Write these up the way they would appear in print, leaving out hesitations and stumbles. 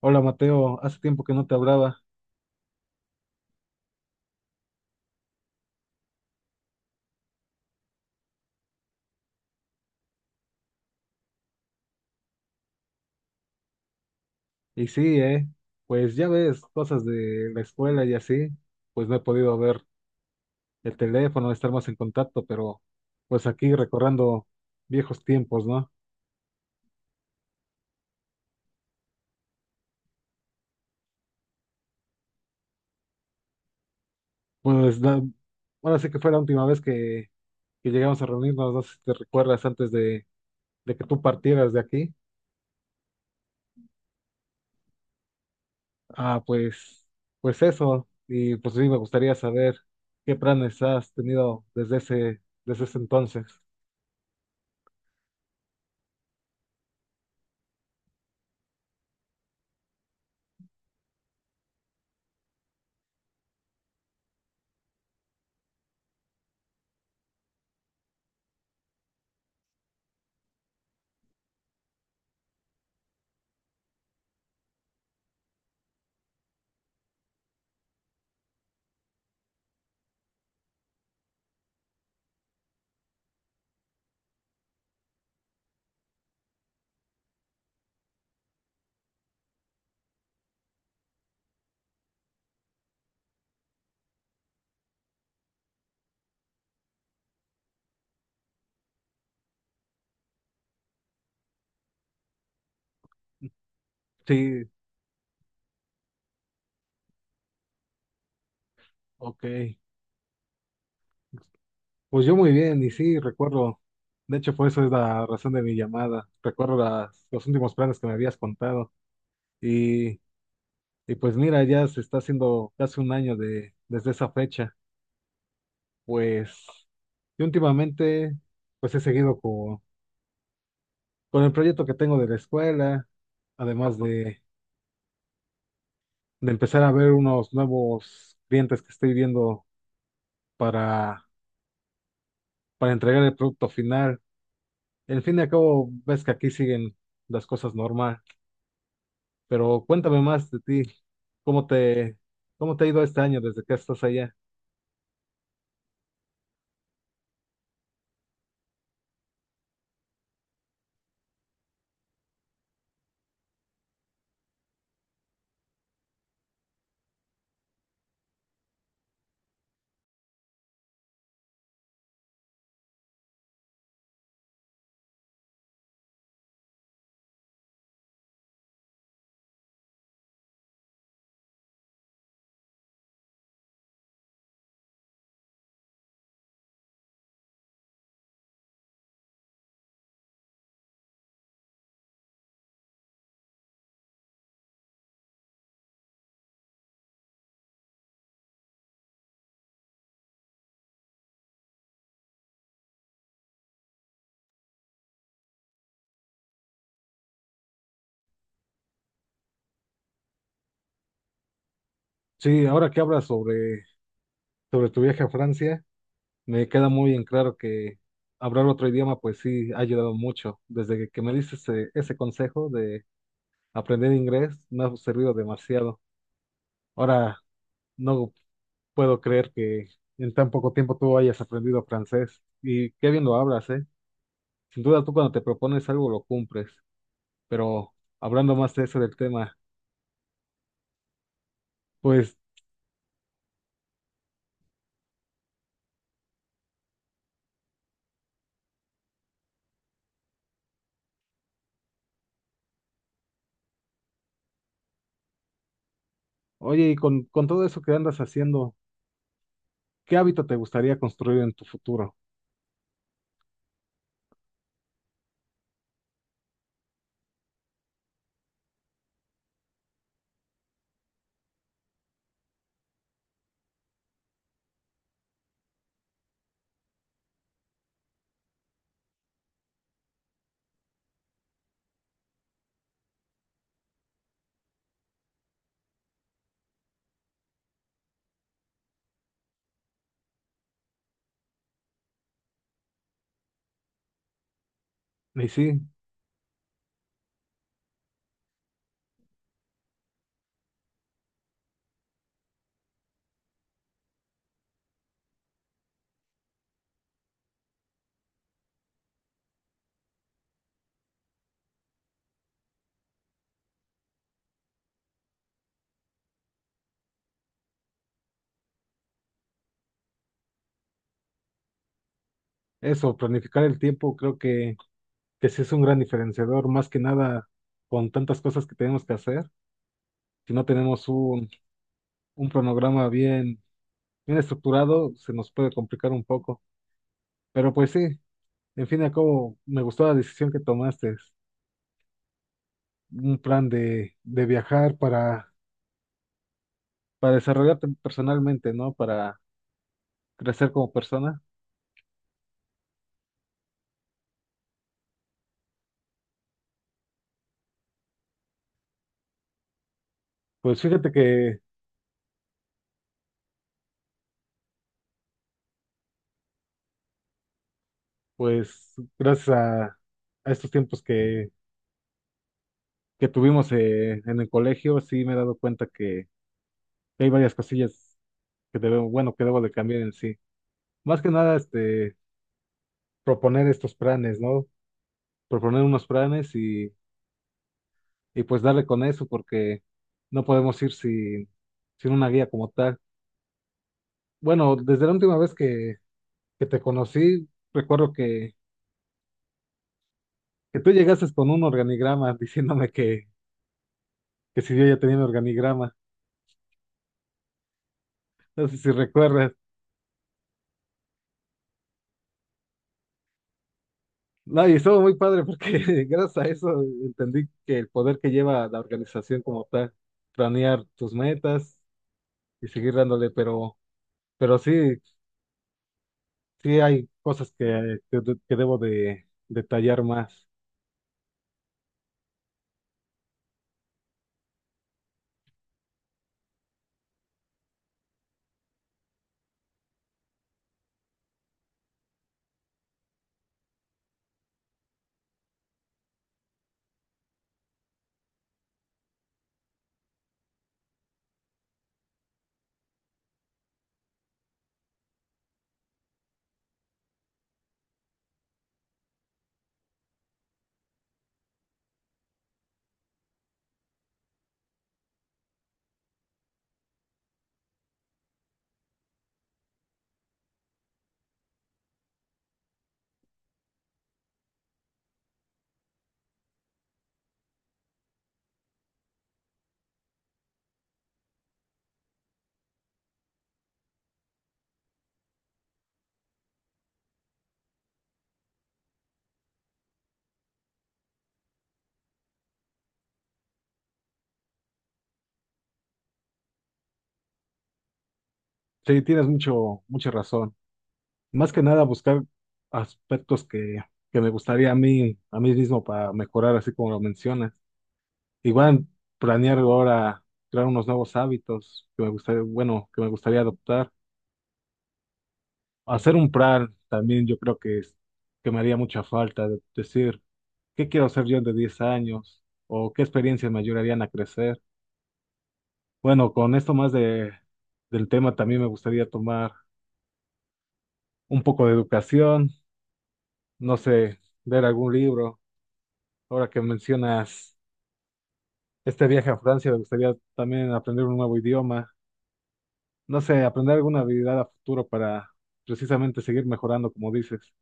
Hola Mateo, hace tiempo que no te hablaba. Y sí, eh, pues ya ves, cosas de la escuela y así, pues no he podido ver el teléfono, estar más en contacto, pero pues aquí recordando viejos tiempos, ¿no? Pues la- Ahora sí que fue la última vez que llegamos a reunirnos, no sé si te recuerdas de que tú partieras de aquí. Ah, pues, pues eso, y pues sí, me gustaría saber qué planes has tenido desde ese entonces. Sí, ok. Pues yo muy bien, y sí, recuerdo, de hecho, por eso es la razón de mi llamada, recuerdo los últimos planes que me habías contado, y, y pues mira, ya se está haciendo casi un año desde esa fecha, pues, y últimamente, pues he seguido con el proyecto que tengo de la escuela, además de, de empezar a ver unos nuevos clientes que estoy viendo para, para entregar el producto final. En fin y al cabo, ves que aquí siguen las cosas normal. Pero cuéntame más de ti, ¿cómo te, ¿cómo te ha ido este año desde que estás allá? Sí, ahora que hablas sobre tu viaje a Francia, me queda muy en claro que hablar otro idioma pues sí ha ayudado mucho. Desde que me diste ese consejo de aprender inglés, me ha servido demasiado. Ahora no puedo creer que en tan poco tiempo tú hayas aprendido francés y qué bien lo hablas, ¿eh? Sin duda tú cuando te propones algo lo cumples, pero hablando más de eso del tema. Pues oye, y con todo eso que andas haciendo, ¿qué hábito te gustaría construir en tu futuro? Y sí, eso, planificar el tiempo creo que sí es un gran diferenciador, más que nada con tantas cosas que tenemos que hacer. Si no tenemos un cronograma bien estructurado, se nos puede complicar un poco. Pero pues sí, en fin y al cabo, me gustó la decisión que tomaste, un plan de viajar para desarrollarte personalmente, ¿no? Para crecer como persona. Pues fíjate que pues gracias a estos tiempos que tuvimos en el colegio, sí me he dado cuenta que hay varias cosillas que debo, bueno, que debo de cambiar en sí. Más que nada, proponer estos planes, ¿no? Proponer unos planes y pues darle con eso, porque no podemos ir sin una guía como tal. Bueno, desde la última vez que te conocí, recuerdo que tú llegaste con un organigrama diciéndome que si yo ya tenía un organigrama. No sé si recuerdas. No, y estuvo muy padre porque gracias a eso entendí que el poder que lleva la organización como tal, planear tus metas y seguir dándole, pero sí, sí hay cosas que debo de detallar más. Sí, tienes mucha razón. Más que nada buscar aspectos que me gustaría a mí mismo para mejorar, así como lo mencionas. Igual planear ahora crear unos nuevos hábitos que me gustaría, bueno, que me gustaría adoptar. Hacer un plan también yo creo que me haría mucha falta. Decir, ¿qué quiero hacer yo de 10 años? ¿O qué experiencias me ayudarían a crecer? Bueno, con esto más del tema también me gustaría tomar un poco de educación, no sé, leer algún libro. Ahora que mencionas este viaje a Francia, me gustaría también aprender un nuevo idioma. No sé, aprender alguna habilidad a futuro para precisamente seguir mejorando, como dices.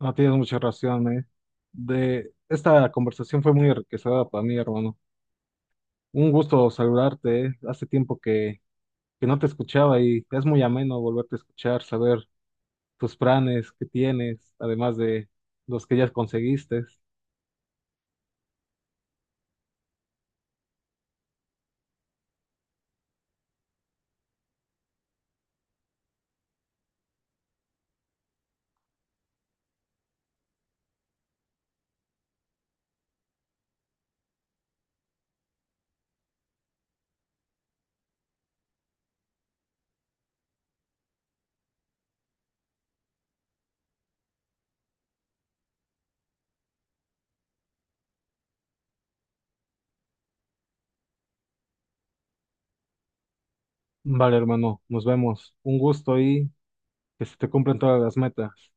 No, tienes mucha razón, eh. De esta conversación fue muy enriquecedora para mí, hermano. Un gusto saludarte, eh. Hace tiempo que no te escuchaba y es muy ameno volverte a escuchar, saber tus planes que tienes, además de los que ya conseguiste. Vale, hermano, nos vemos. Un gusto y que se te cumplan todas las metas.